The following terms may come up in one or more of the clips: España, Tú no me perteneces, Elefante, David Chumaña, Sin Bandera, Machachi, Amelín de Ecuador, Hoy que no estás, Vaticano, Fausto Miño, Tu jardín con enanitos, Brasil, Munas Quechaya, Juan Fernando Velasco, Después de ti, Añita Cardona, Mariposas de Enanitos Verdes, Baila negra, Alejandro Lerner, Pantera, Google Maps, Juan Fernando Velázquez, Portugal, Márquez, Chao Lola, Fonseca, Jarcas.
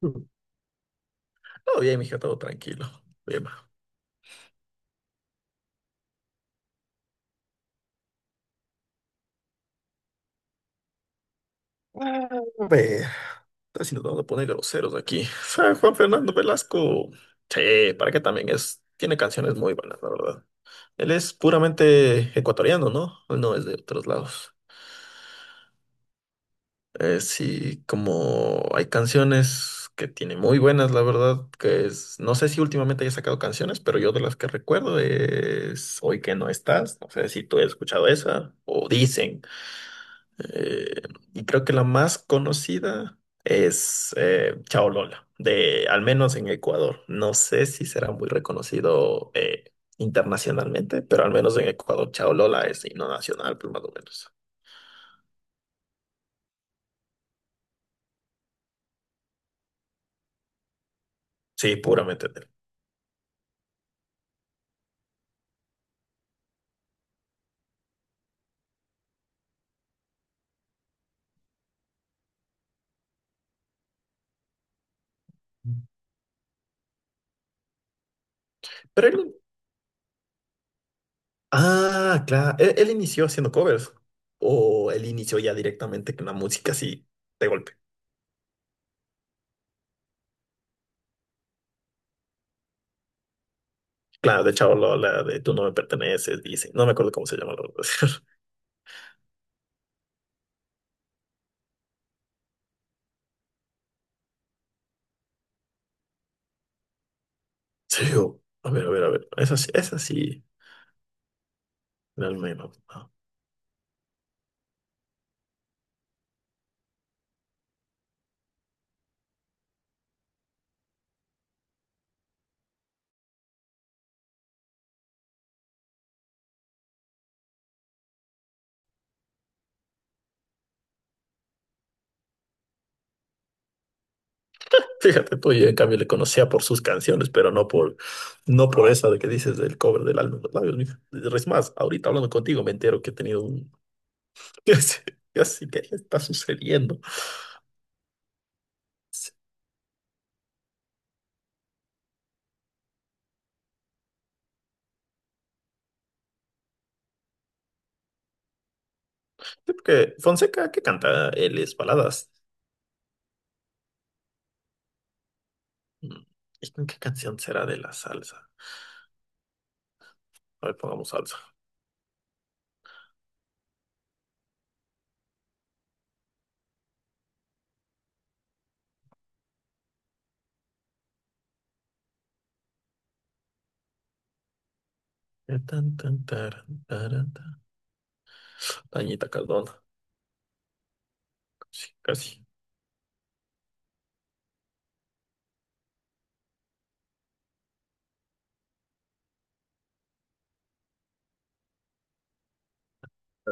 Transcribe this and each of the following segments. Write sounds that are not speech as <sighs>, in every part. Todo bien, mija, todo tranquilo. Bien, ma. A ver, si nos vamos a poner groseros aquí. O sea, Juan Fernando Velasco, sí, para qué también es, tiene canciones muy buenas, la verdad. Él es puramente ecuatoriano, ¿no? Él no es de otros lados. Sí, como hay canciones que tiene muy buenas, la verdad, que es, no sé si últimamente haya sacado canciones, pero yo de las que recuerdo es Hoy que no estás, no sé si tú has escuchado esa, o Dicen. Eh, y creo que la más conocida es Chao Lola, de al menos en Ecuador. No sé si será muy reconocido internacionalmente, pero al menos en Ecuador Chao Lola es himno nacional, pues más o menos. Sí, puramente de él. Pero él, ah, claro, él inició haciendo covers o él inició ya directamente con la música así de golpe. Claro, de Chao Lola, de Tú no me perteneces, dice. No me acuerdo cómo se llama la verdad. <laughs> Sí, a ver. Es así, es así. Al menos, ¿no? Fíjate tú, yo en cambio le conocía por sus canciones, pero no por esa de que dices del cover del álbum Los Labios, mija. Es más, ahorita hablando contigo me entero que he tenido un <laughs> que así que está sucediendo. Sí, porque Fonseca, ¿qué canta? Él es baladas. Mm, ¿Y con qué canción será de la salsa? A ver, pongamos salsa. Tan, tan, taran, taran, tan. Añita Cardona. Sí, casi.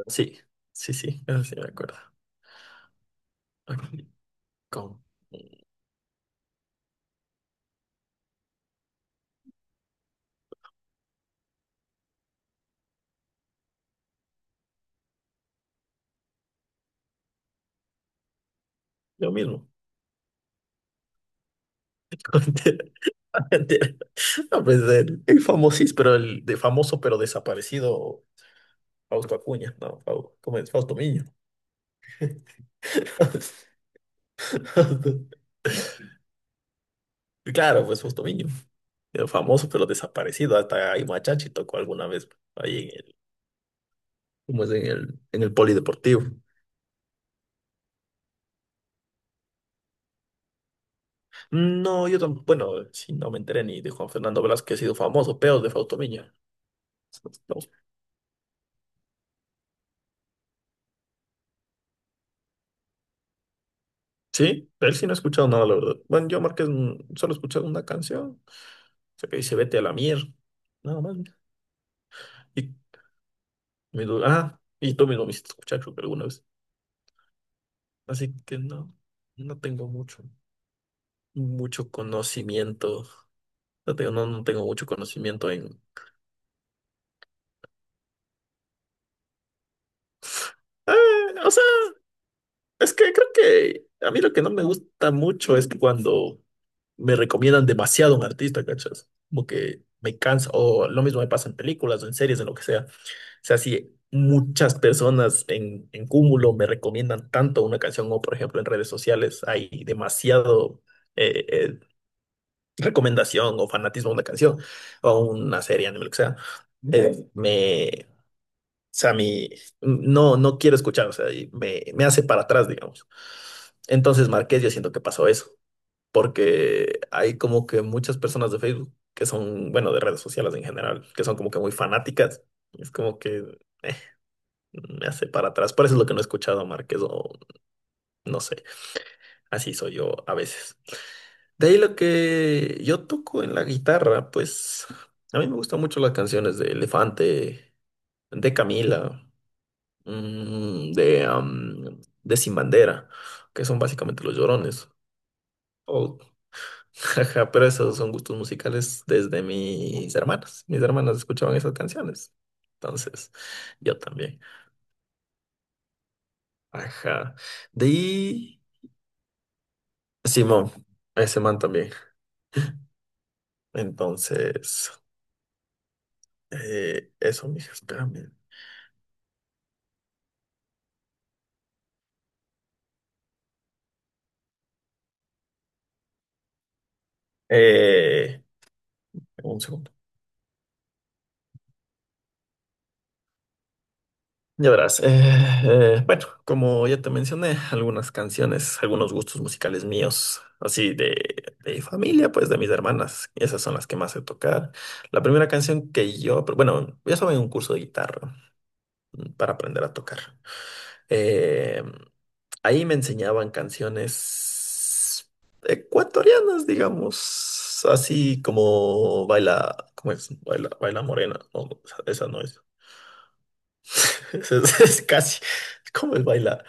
Sí, sí, sí, eso sí me acuerdo. Aquí, con yo mismo. Pantera. Pantera. No, pues pero el de famoso pero desaparecido Fausto Acuña, no, ¿cómo es? Fausto Miño. <laughs> Fausto- Claro, pues Fausto Miño. El famoso pero desaparecido, hasta ahí Machachi tocó alguna vez ahí en el, ¿cómo es? En el polideportivo. No, yo tampoco, bueno, sí, no me enteré ni de Juan Fernando Velázquez, ha sido famoso, pero de Fausto Miño. No, sí, de él sí no he escuchado nada, la verdad. Bueno, yo Márquez solo he escuchado una canción sea, que dice, vete a la mierda. Nada más, mira. Y ah, y tú mismo me hiciste escuchar, creo que alguna vez. Así que no, no tengo mucho, mucho conocimiento. No tengo, no, no tengo mucho conocimiento en. <sighs> O sea, es que creo que a mí lo que no me gusta mucho es cuando me recomiendan demasiado a un artista, ¿cachas? Como que me cansa, o lo mismo me pasa en películas o en series, en lo que sea. Sea, si muchas personas en cúmulo me recomiendan tanto una canción o, por ejemplo, en redes sociales hay demasiado eh, eh, recomendación o fanatismo a una canción o una serie, anime, lo que sea, me, o sea, mi, no, no quiero escuchar, o sea, y me hace para atrás, digamos. Entonces, Marqués, yo siento que pasó eso, porque hay como que muchas personas de Facebook que son, bueno, de redes sociales en general, que son como que muy fanáticas. Es como que me hace para atrás. Por eso es lo que no he escuchado, a Márquez, o no sé, así soy yo a veces. De ahí lo que yo toco en la guitarra, pues a mí me gustan mucho las canciones de Elefante, de Camila, de Sin Bandera, que son básicamente los llorones. O- <laughs> pero esos son gustos musicales desde mis hermanas. Mis hermanas escuchaban esas canciones. Entonces, yo también. Ajá. De ahí. Simón, ese man también. Entonces, eso, mija, espérame. Eh, un segundo. Ya verás. Bueno, como ya te mencioné, algunas canciones, algunos gustos musicales míos, así de familia, pues de mis hermanas. Esas son las que más sé tocar. La primera canción que yo, pero bueno, yo estaba en un curso de guitarra para aprender a tocar. Eh, Ahí me enseñaban canciones ecuatorianas, digamos, así como baila, ¿cómo es? Baila, baila morena. No, no, esa no es. <laughs> Es casi, ¿cómo es baila?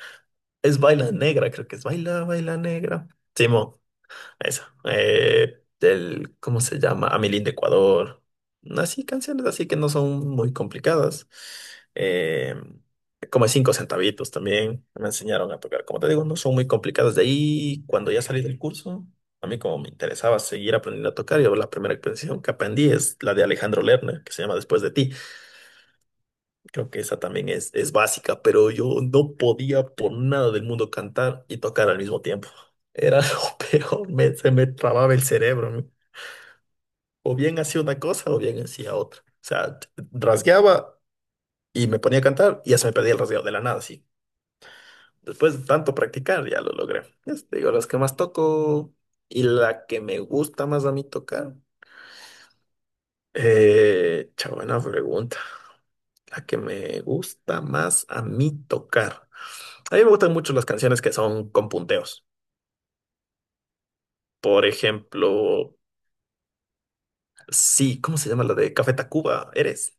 Es baila negra, creo que es baila, baila negra. Simón esa. El, ¿cómo se llama? Amelín de Ecuador. Así, canciones así que no son muy complicadas. Eh, Como cinco centavitos también me enseñaron a tocar. Como te digo, no son muy complicadas. De ahí, cuando ya salí del curso, a mí como me interesaba seguir aprendiendo a tocar, yo la primera canción que aprendí es la de Alejandro Lerner, que se llama Después de ti. Creo que esa también es básica, pero yo no podía por nada del mundo cantar y tocar al mismo tiempo. Era <laughs> lo peor, se me trababa el cerebro, ¿no? O bien hacía una cosa o bien hacía otra. O sea, rasgueaba y me ponía a cantar y ya se me perdía el rasgueo de la nada, sí. Después de tanto practicar ya lo logré. Ya te digo, las que más toco y la que me gusta más a mí tocar. Buena pregunta. La que me gusta más a mí tocar. A mí me gustan mucho las canciones que son con punteos. Por ejemplo, sí, ¿cómo se llama la de Café Tacuba? ¿Eres?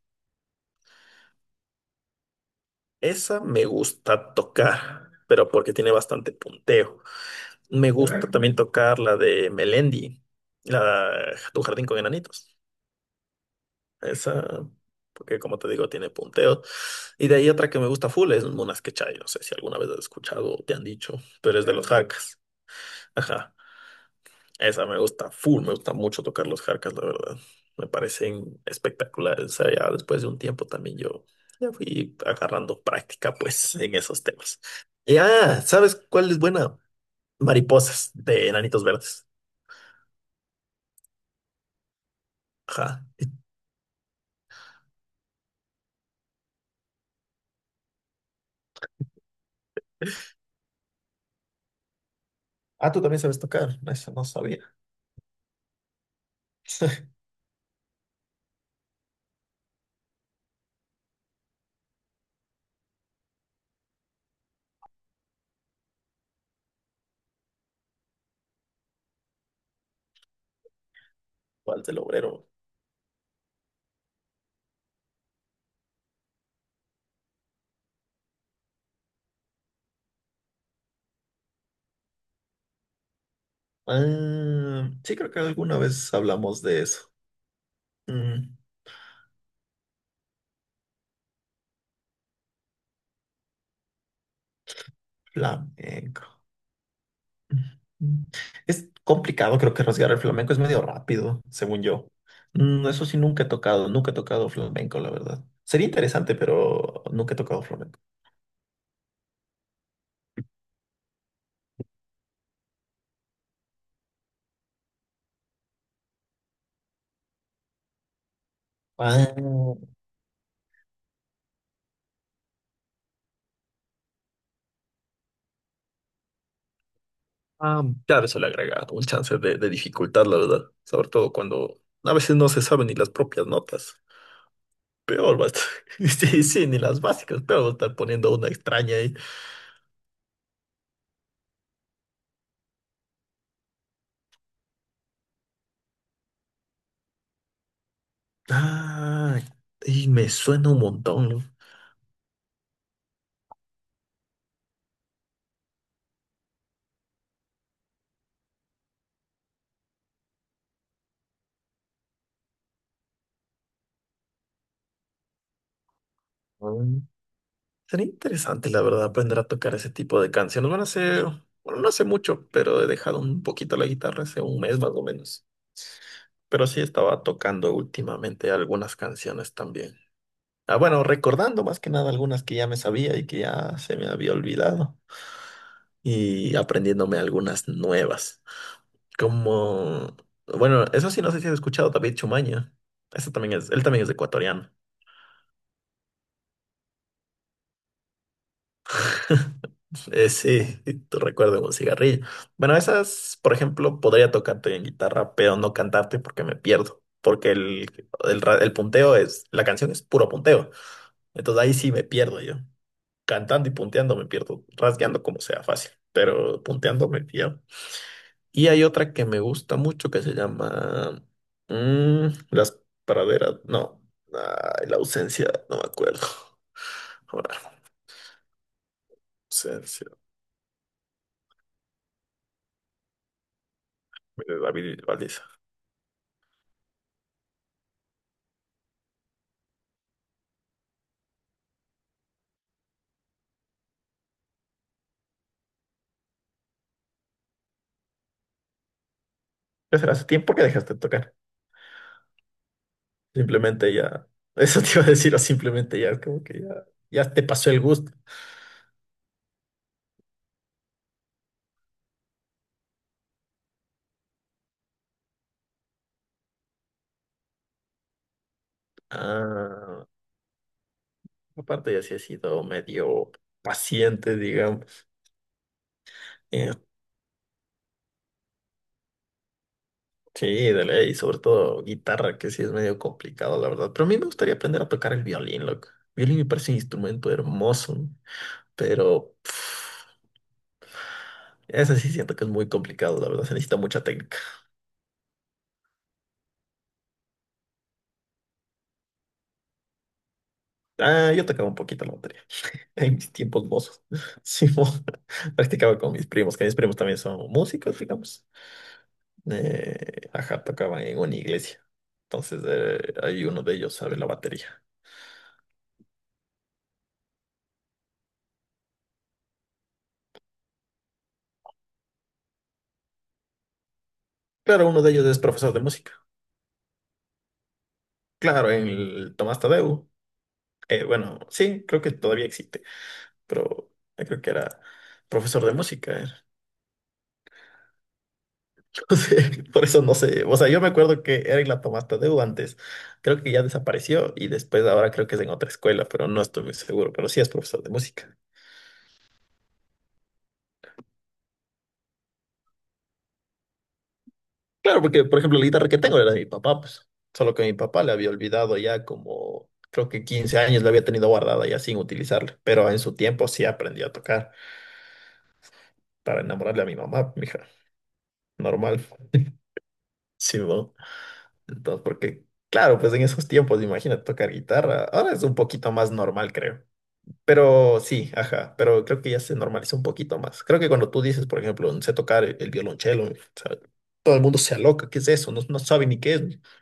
Esa me gusta tocar, pero porque tiene bastante punteo. Me gusta también tocar la de Melendi, la Tu jardín con enanitos. Esa, porque como te digo, tiene punteos. Y de ahí otra que me gusta full es Munas Quechaya. No sé si alguna vez has escuchado o te han dicho, pero es de los, claro, jarcas. Ajá. Esa me gusta full, me gusta mucho tocar los jarcas, la verdad. Me parecen espectaculares. O sea, ya después de un tiempo también yo ya fui agarrando práctica, pues, en esos temas. Ya, ¿sabes cuál es buena? Mariposas de Enanitos Verdes. Ajá. Ah, tú también sabes tocar. Eso no sabía. <laughs> ¿Cuál del obrero? Ah, sí, creo que alguna vez hablamos de eso. Mm, Flamenco. Mm. Es complicado, creo que rasgar el flamenco es medio rápido, según yo. Eso sí, nunca he tocado, nunca he tocado flamenco, la verdad. Sería interesante, pero nunca he tocado flamenco. Ah, ah, claro, eso le agrega un chance de dificultad, la verdad. Sobre todo cuando a veces no se saben ni las propias notas. Peor va a estar. <laughs> Sí, sí, ni las básicas. Peor va a estar poniendo una extraña. Ah, y me suena un montón, ¿no? Mm. Sería interesante, la verdad, aprender a tocar ese tipo de canciones. Bueno, hace, bueno, no hace mucho, pero he dejado un poquito la guitarra hace un mes más o menos. Pero sí estaba tocando últimamente algunas canciones también. Ah, bueno, recordando más que nada algunas que ya me sabía y que ya se me había olvidado. Y aprendiéndome algunas nuevas. Como, bueno, eso sí, no sé si has escuchado David Chumaña. Eso también es, él también es ecuatoriano. <laughs> Sí, <laughs> te recuerdo un cigarrillo. Bueno, esas, por ejemplo, podría tocarte en guitarra, pero no cantarte porque me pierdo. Porque el punteo es, la canción es puro punteo. Entonces ahí sí me pierdo yo. Cantando y punteando me pierdo. Rasgueando como sea fácil, pero punteando me pierdo. Y hay otra que me gusta mucho que se llama Las praderas. No, ay, la ausencia, no me acuerdo. <laughs> Ahora, ausencia de David Valdés. ¿Qué será? ¿Hace tiempo que dejaste de tocar? Simplemente ya, <laughs> eso te iba a decir, o simplemente ya, es como que ya, ya te pasó el gusto. Ah, aparte ya sí he sido medio paciente, digamos. Eh, sí, de ley, sobre todo guitarra, que sí es medio complicado, la verdad. Pero a mí me gustaría aprender a tocar el violín, loco. Violín me parece un instrumento hermoso, ¿no? Pero ese sí siento que es muy complicado, la verdad, se necesita mucha técnica. Ah, yo tocaba un poquito la batería. En mis tiempos mozos, <laughs> Simón, <laughs> practicaba con mis primos, que mis primos también son músicos, digamos. Ajá, tocaban en una iglesia. Entonces, ahí uno de ellos sabe la batería. Claro, uno de ellos es profesor de música. Claro, en el Tomás Tadeu. Bueno, sí, creo que todavía existe, pero yo creo que era profesor de música, era. Entonces, <laughs> por eso no sé. O sea, yo me acuerdo que era en la Tomás Tadeu antes. Creo que ya desapareció y después ahora creo que es en otra escuela, pero no estoy muy seguro, pero sí es profesor de música. Claro, porque por ejemplo la guitarra que tengo era de mi papá, pues, solo que mi papá la había olvidado ya como, creo que 15 años la había tenido guardada ya sin utilizarla, pero en su tiempo sí aprendí a tocar para enamorarle a mi mamá, mija, normal, <laughs> sí, ¿no? Entonces, porque, claro, pues en esos tiempos, imagínate tocar guitarra, ahora es un poquito más normal, creo, pero sí, ajá, pero creo que ya se normalizó un poquito más. Creo que cuando tú dices, por ejemplo, no sé tocar el violonchelo, o sea, todo el mundo se aloca, ¿qué es eso? No, no sabe ni qué es.